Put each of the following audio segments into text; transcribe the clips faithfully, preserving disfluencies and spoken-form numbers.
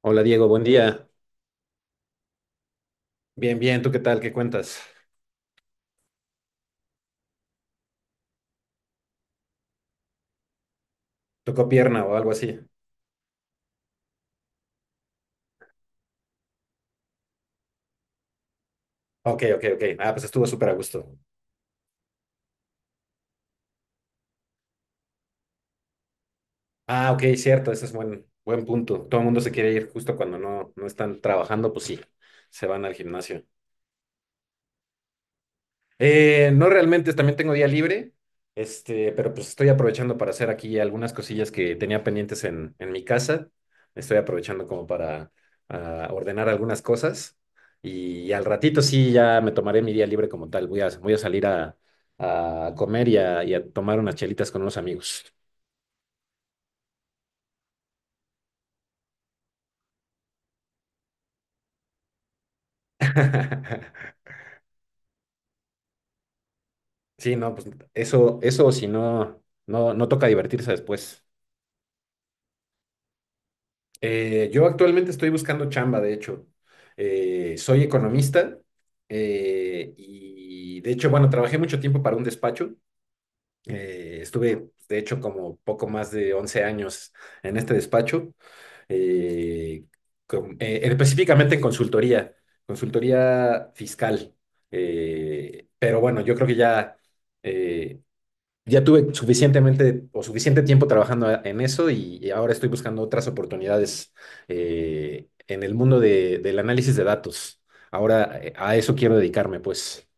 Hola Diego, buen día. Bien, bien, ¿tú qué tal? ¿Qué cuentas? ¿Tocó pierna o algo así? Ok, ok, ok. Ah, pues estuvo súper a gusto. Ah, ok, cierto, ese es buen, buen punto. Todo el mundo se quiere ir justo cuando no, no están trabajando, pues sí, se van al gimnasio. Eh, no realmente, también tengo día libre, este, pero pues estoy aprovechando para hacer aquí algunas cosillas que tenía pendientes en, en mi casa. Estoy aprovechando como para ah, ordenar algunas cosas y, al ratito sí ya me tomaré mi día libre como tal. Voy a, voy a salir a, a comer y a, y a tomar unas chelitas con unos amigos. Sí, no, pues eso, eso si no, no, no toca divertirse después. Eh, yo actualmente estoy buscando chamba, de hecho. Eh, soy economista eh, y de hecho, bueno, trabajé mucho tiempo para un despacho. Eh, estuve, de hecho, como poco más de once años en este despacho, eh, con- eh, específicamente en consultoría, consultoría fiscal. Eh, pero bueno, yo creo que ya... eh, ya tuve suficientemente o suficiente tiempo trabajando a- en eso y, y ahora estoy buscando otras oportunidades eh, en el mundo de- del análisis de datos. Ahora eh, a eso quiero dedicarme, pues.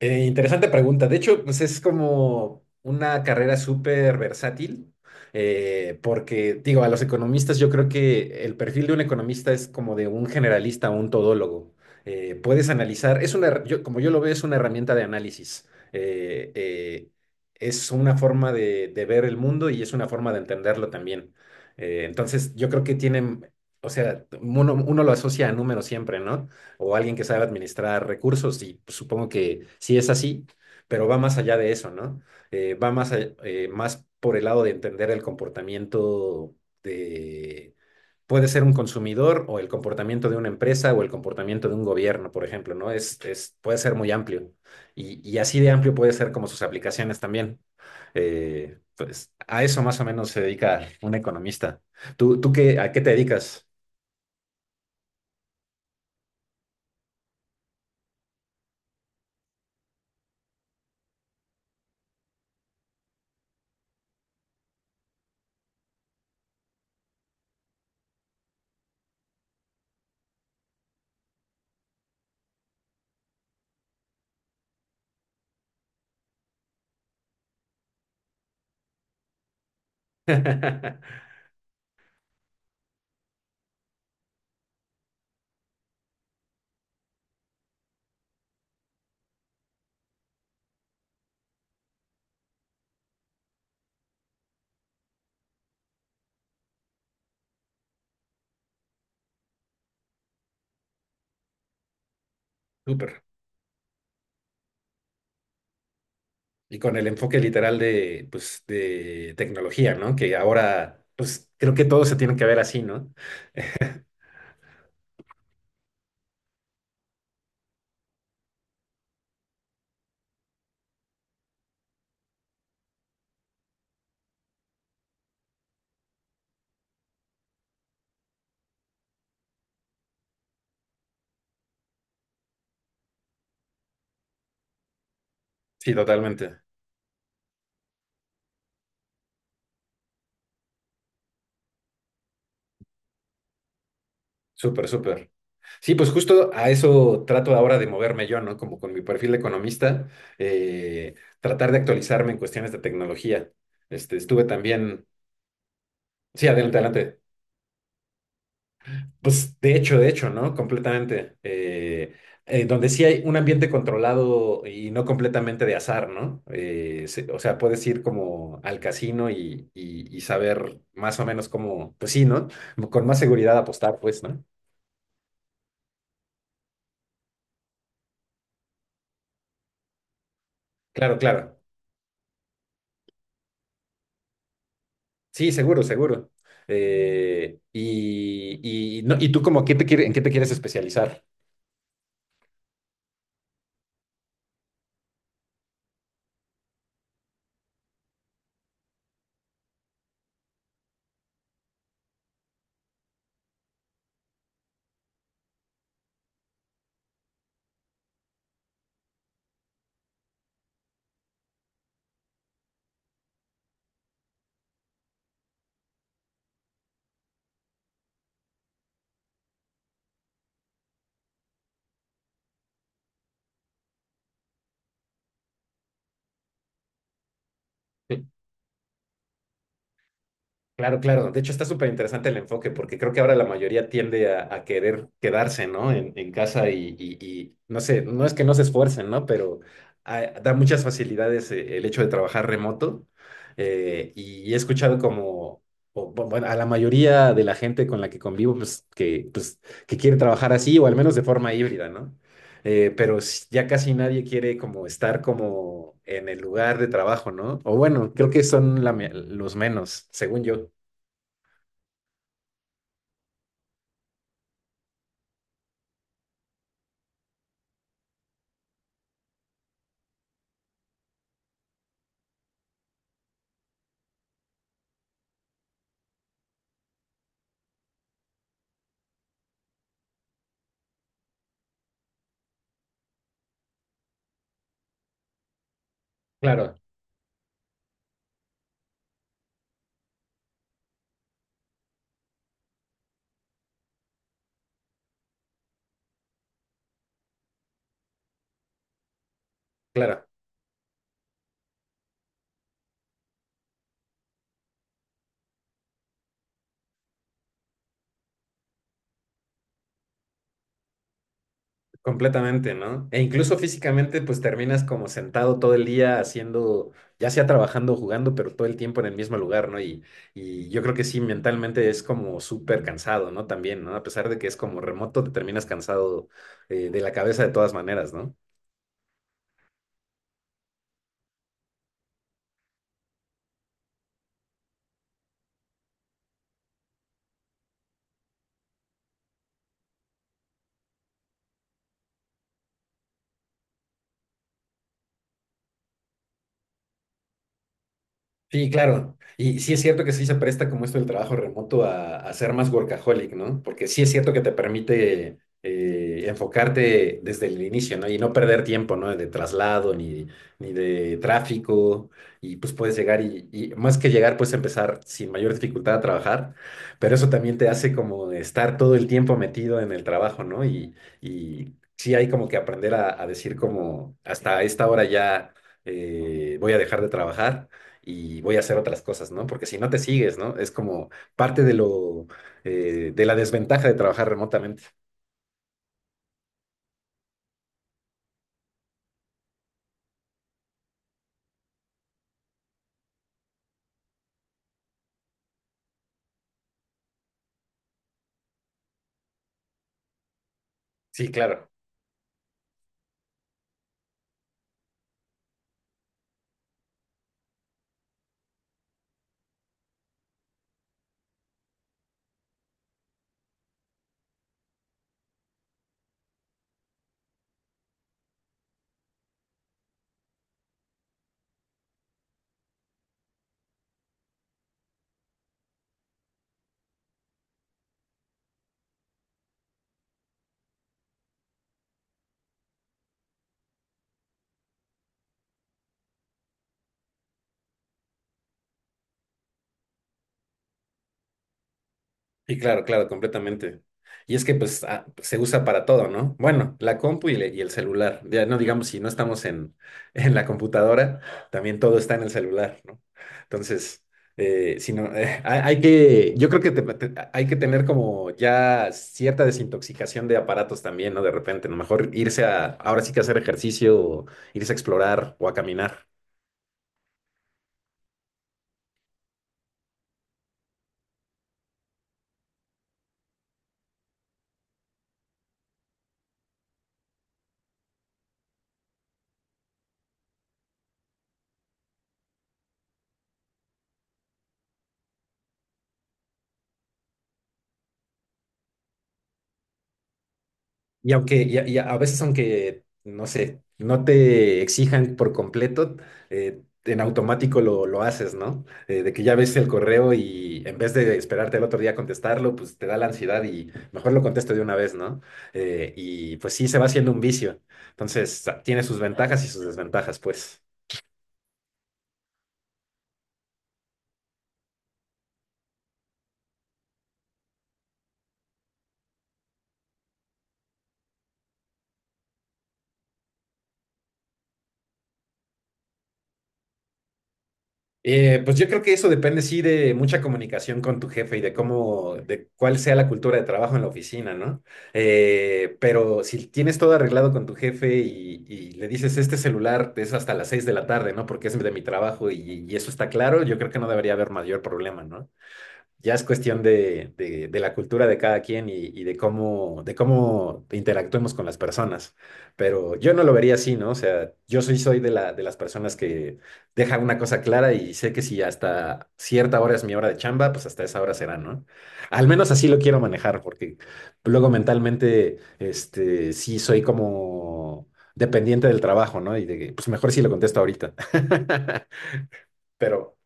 Eh, interesante pregunta. De hecho, pues es como una carrera súper versátil, eh, porque digo, a los economistas yo creo que el perfil de un economista es como de un generalista o un todólogo. Eh, puedes analizar, es una, her- yo- como yo lo veo, es una herramienta de análisis. Eh, eh, es una forma de, de ver el mundo y es una forma de entenderlo también. Eh, entonces, yo creo que tienen, o sea, uno, uno lo asocia a números siempre, ¿no? o alguien que sabe administrar recursos, y pues, supongo que sí es así, pero va más allá de eso, ¿no? Eh, va más, a- eh, más por el lado de entender el comportamiento de, puede ser un consumidor o el comportamiento de una empresa o el comportamiento de un gobierno, por ejemplo, ¿no? Es, es, puede ser muy amplio y, y así de amplio puede ser como sus aplicaciones también. Eh, pues a eso más o menos se dedica un economista. ¿Tú, tú qué, a qué te dedicas? Súper. Y con el enfoque literal de, pues, de tecnología, ¿no? Que ahora, pues, creo que todo se tiene que ver así, ¿no? Sí, totalmente. Súper, súper. Sí, pues justo a eso trato ahora de moverme yo, ¿no? Como con mi perfil de economista, eh, tratar de actualizarme en cuestiones de tecnología. Este, estuve también... Sí, adelante, adelante. Pues de hecho, de hecho, ¿no? Completamente. Eh, eh, donde sí hay un ambiente controlado y no completamente de azar, ¿no? Eh, se- o sea, puedes ir como al casino y, y- y saber más o menos cómo, pues sí, ¿no? Con más seguridad apostar, pues, ¿no? Claro, claro. Sí, seguro, seguro. Eh, y, y, no, ¿y tú como qué te quiere- en qué te quieres especializar? Claro, claro. De hecho, está súper interesante el enfoque porque creo que ahora la mayoría tiende a, a querer quedarse, ¿no? En, en casa y, y- y no sé, no es que no se esfuercen, ¿no? Pero ah, da muchas facilidades eh, el hecho de trabajar remoto. Eh, y he escuchado como, o, bu- bueno, a la mayoría de la gente con la que convivo, pues que, pues, que quiere trabajar así o al menos de forma híbrida, ¿no? Eh, pero s- ya casi nadie quiere como estar como en el lugar de trabajo, ¿no? O bueno, creo que son la me- los menos, según yo. Claro, claro, completamente, ¿no? E incluso físicamente, pues terminas como sentado todo el día haciendo, ya sea trabajando o jugando, pero todo el tiempo en el mismo lugar, ¿no? Y, y yo creo que sí, mentalmente es como súper cansado, ¿no? También, ¿no? A pesar de que es como remoto, te terminas cansado eh, de la cabeza de todas maneras, ¿no? Sí, claro. Y sí es cierto que sí se presta como esto del trabajo remoto a, a ser más workaholic, ¿no? Porque sí es cierto que te permite eh, enfocarte desde el inicio, ¿no? Y no perder tiempo, ¿no? De traslado ni, ni de tráfico. Y pues puedes llegar y, y más que llegar, puedes empezar sin mayor dificultad a trabajar. Pero eso también te hace como estar todo el tiempo metido en el trabajo, ¿no? Y, y sí hay como que aprender a, a decir como hasta esta hora ya eh, voy a dejar de trabajar y voy a hacer otras cosas, ¿no? Porque si no te sigues, ¿no? Es como parte de lo, eh, de la desventaja de trabajar remotamente. Sí, claro. Y claro, claro, completamente. Y es que pues ah, se usa para todo, ¿no? Bueno, la compu y, el y el celular. Ya no digamos, si no estamos en, en la computadora, también todo está en el celular, ¿no? Entonces, eh, si no, eh, hay, hay que, yo creo que te- te- hay que tener como ya cierta desintoxicación de aparatos también, ¿no? De repente, a lo mejor irse a, ahora sí que hacer ejercicio, o irse a explorar o a caminar. Y aunque y a, y a veces aunque, no sé, no te exijan por completo, eh, en automático lo, lo haces, ¿no? Eh, de que ya ves el correo y en vez de esperarte al otro día a contestarlo, pues te da la ansiedad y mejor lo contesto de una vez, ¿no? Eh, y pues sí, se va haciendo un vicio. Entonces, tiene sus ventajas y sus desventajas, pues. Eh, pues yo creo que eso depende, sí, de mucha comunicación con tu jefe y de cómo, de cuál sea la cultura de trabajo en la oficina, ¿no? Eh, pero si tienes todo arreglado con tu jefe y, y le dices, este celular es hasta las seis de la tarde, ¿no? Porque es de mi trabajo y, y eso está claro, yo creo que no debería haber mayor problema, ¿no? Ya es cuestión de, de- de la cultura de cada quien y, y de cómo, de cómo interactuemos con las personas. Pero yo no lo vería así, ¿no? O sea, yo soy, soy de la, de las personas que deja una cosa clara y sé que si hasta cierta hora es mi hora de chamba, pues hasta esa hora será, ¿no? Al menos así lo quiero manejar, porque luego mentalmente, este, sí soy como dependiente del trabajo, ¿no? Y de, que, pues mejor si lo contesto ahorita. Pero...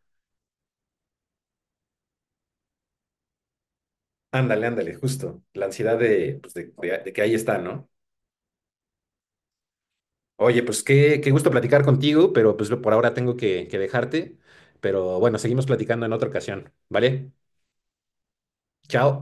Ándale, ándale, justo. La ansiedad de, pues, de, de- de que ahí está, ¿no? Oye, pues qué, qué gusto platicar contigo, pero pues por ahora tengo que, que dejarte. Pero bueno, seguimos platicando en otra ocasión, ¿vale? Chao.